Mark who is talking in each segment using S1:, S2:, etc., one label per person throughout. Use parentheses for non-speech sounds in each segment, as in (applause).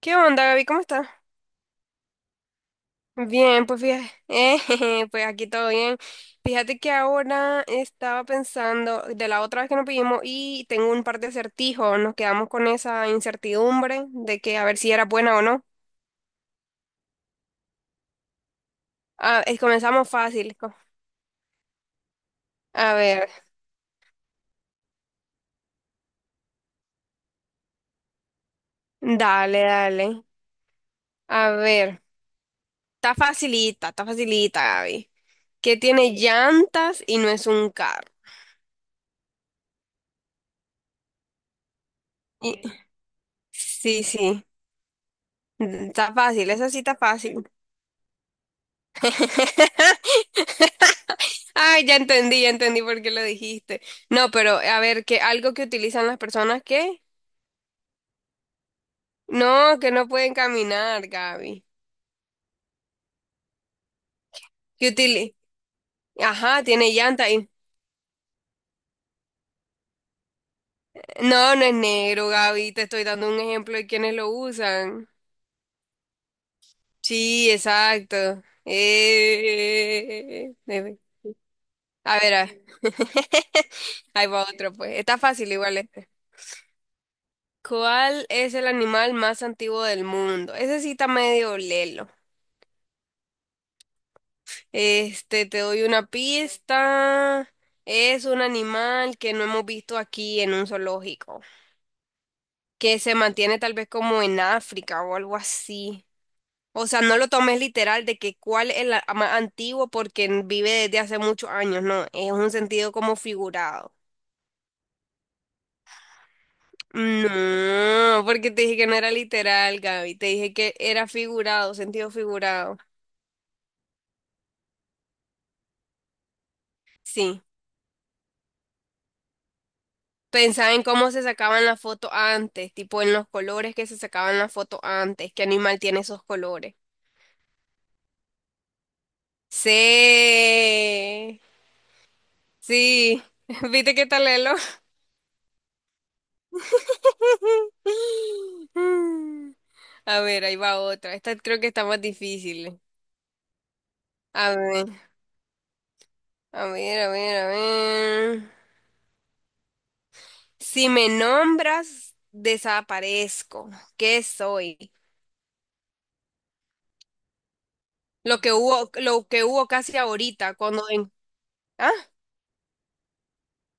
S1: ¿Qué onda, Gaby? ¿Cómo estás? Bien, pues fíjate, (laughs) jeje, pues aquí todo bien. Fíjate que ahora estaba pensando de la otra vez que nos pedimos y tengo un par de acertijos. Nos quedamos con esa incertidumbre de que a ver si era buena o no. Comenzamos fácil. A ver, dale. A ver, está facilita, Gaby. Que tiene llantas y no es un carro. Y- sí, sí, está fácil, esa sí está fácil. (laughs) Ay, ya entendí por qué lo dijiste. No, pero a ver, que algo que utilizan las personas que no, que no pueden caminar, Gaby. Que utili Ajá, tiene llanta ahí. No, no es negro, Gaby. Te estoy dando un ejemplo de quienes lo usan. Sí, exacto. Eh, debe- A ver, (laughs) ahí va otro, pues. Está fácil igual este. ¿Cuál es el animal más antiguo del mundo? Ese sí está medio lelo. Este, te doy una pista. Es un animal que no hemos visto aquí en un zoológico, que se mantiene tal vez como en África o algo así. O sea, no lo tomes literal de que cuál es el más antiguo porque vive desde hace muchos años, no, es un sentido como figurado. No, porque te dije que no era literal, Gaby, te dije que era figurado, sentido figurado. Sí. Pensaba en cómo se sacaban la foto antes, tipo en los colores que se sacaban la foto antes, qué animal tiene esos colores. Sí, sí, (laughs) viste qué tal Lelo. (laughs) A ver, ahí va otra. Esta creo que está más difícil. A ver, a ver. Si me nombras, desaparezco. ¿Qué soy? Lo que hubo casi ahorita, cuando en... ¿Ah?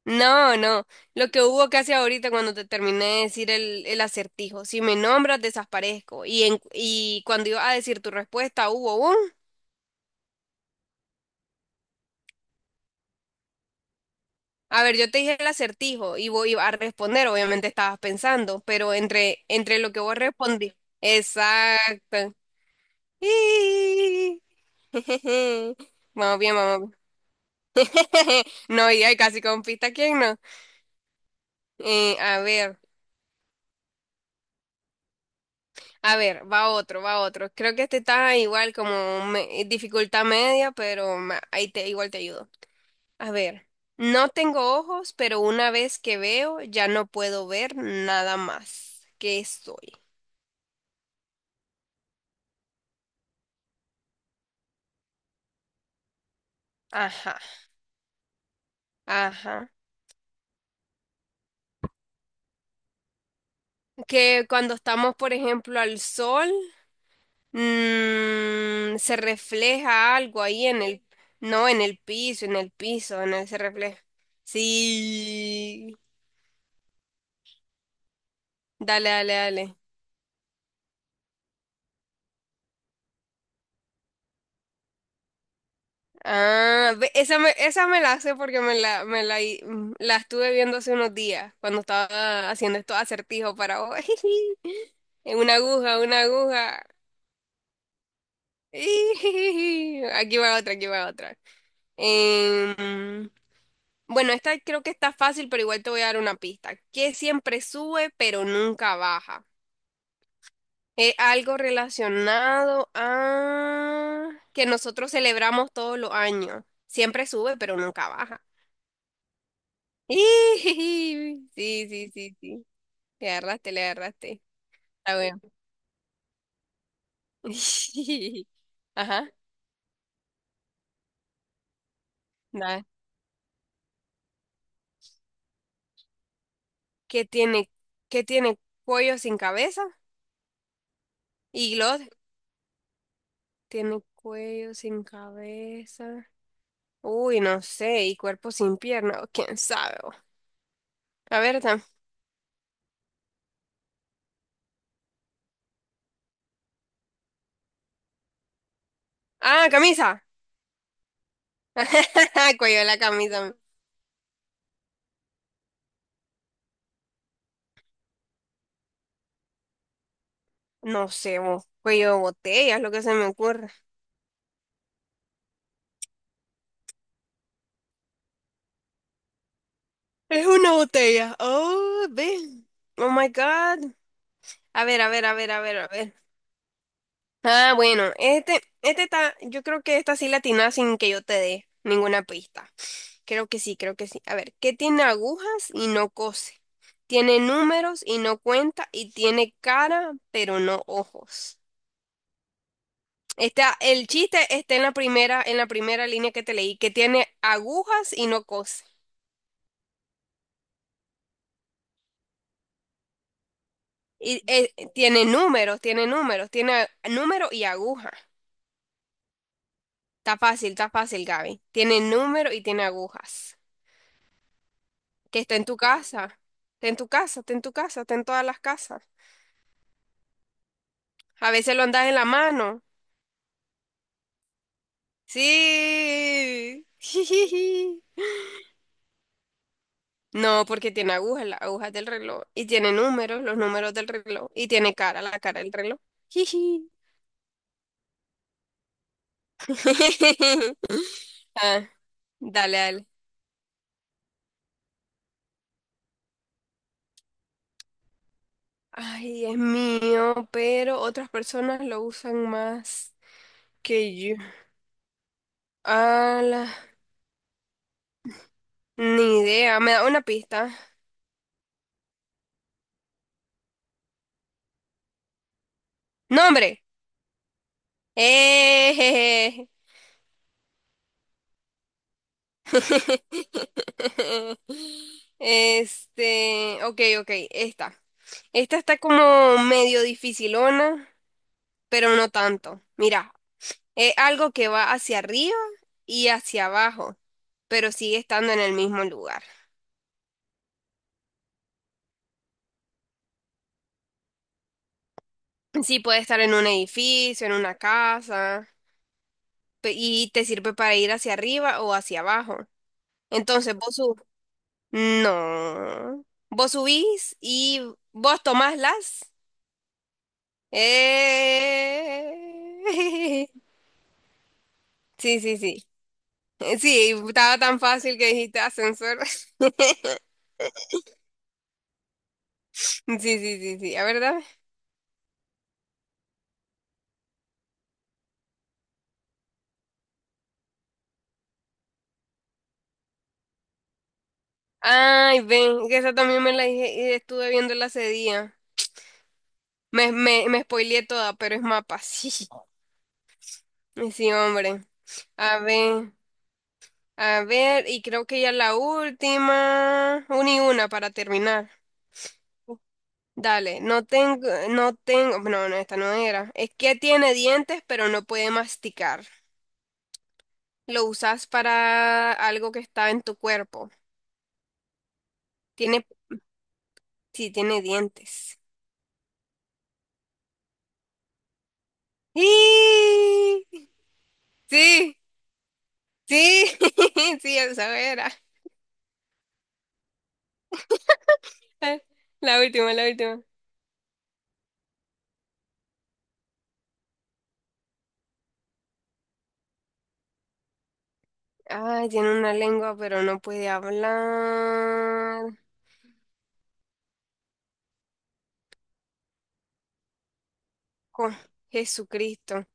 S1: No, no. Lo que hubo casi ahorita cuando te terminé de decir el acertijo. Si me nombras, desaparezco. Y cuando iba a decir tu respuesta, hubo un. A ver, yo te dije el acertijo y voy a responder. Obviamente estabas pensando, pero entre lo que vos respondí. Exacto. Y- (laughs) vamos bien. (laughs) No, y hay casi con pista, ¿quién no? A ver. A ver, va otro. Creo que este está igual como dificultad media, pero ahí te igual te ayudo. A ver, no tengo ojos, pero una vez que veo ya no puedo ver nada más. ¿Qué soy? Ajá, ajá. Que cuando estamos, por ejemplo, al sol, se refleja algo ahí en no, en el piso, en el piso, en el se refleja. Sí. Dale. Ah, esa me la sé porque me la, hi- mm, la estuve viendo hace unos días cuando estaba haciendo estos acertijos para vos. (laughs) Una aguja. (laughs) Ijijiji. Aquí va otra. Em, bueno, esta creo que está fácil, pero igual te voy a dar una pista. Que siempre sube, pero nunca baja. Es algo relacionado a que nosotros celebramos todos los años. Siempre sube, pero nunca baja. (laughs) Sí, sí, sí, sí. Le agarraste. Está bueno. (laughs) Ajá, nada. ¿Qué tiene, qué tiene cuello sin cabeza? Y glot tiene cuello sin cabeza. Uy, no sé. Y cuerpo sin pierna. ¿O quién sabe vos? A ver, tam- Ah, camisa. (laughs) Cuello de la camisa. No sé, vos. Cuello de botella es lo que se me ocurre. Es una botella. Oh, ve. Oh my God. A ver, a ver. Ah, bueno, este está, yo creo que esta sí la atinás sin que yo te dé ninguna pista. Creo que sí. A ver, ¿qué tiene agujas y no cose? Tiene números y no cuenta y tiene cara, pero no ojos. Está, el chiste está en la primera línea que te leí, que tiene agujas y no cose. Tiene números, tiene número y aguja. Está fácil, Gaby. Tiene número y tiene agujas. Que está en tu casa, está en todas las casas. A veces lo andas en la mano. Sí. (laughs) No, porque tiene agujas, las agujas del reloj, y tiene números, los números del reloj, y tiene cara, la cara del reloj. Jiji. (laughs) Ah, dale. Ay, es mío, pero otras personas lo usan más que yo. Ala, ni idea. ¿Me da una pista? ¡Nombre! ¡Eh! (laughs) Este, ok, ok, esta. Esta está como medio dificilona, pero no tanto. Mira, es algo que va hacia arriba y hacia abajo, pero sigue estando en el mismo lugar. Sí puede estar en un edificio, en una casa, y te sirve para ir hacia arriba o hacia abajo. Entonces vos sub... No. Vos subís y vos tomás las Eh, (laughs) Sí, sí, sí. Sí, estaba tan fácil que dijiste ascensor. (laughs) Sí, sí, sí, sí. A ver, dame. Ay, ven, que esa también me la dije y estuve viéndola hace día. Me spoileé toda, pero es mapa. (laughs) Sí, sí, hombre. A ver, a ver, y creo que ya la última. Una y una para terminar. Dale, no tengo, no tengo, no, no, esta no era. Es que tiene dientes, pero no puede masticar. Lo usas para algo que está en tu cuerpo. Tiene, sí, tiene dientes. ¡Y! Sí, sí, (laughs) sí, esa era. La última. Ay, tiene una lengua, pero no puede hablar. Con Jesucristo.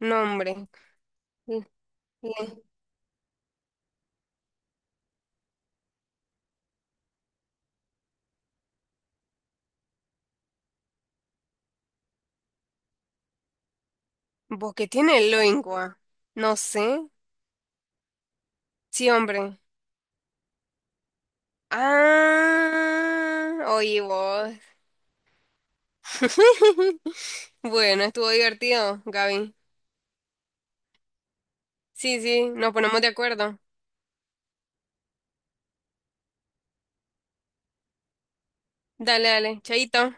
S1: Nombre. L- le- ¿Vos qué tiene lengua? No sé. Sí, hombre. Ah, oye vos. (laughs) Bueno, estuvo divertido, Gaby. Sí, sí, nos ponemos de acuerdo. Dale, chaito.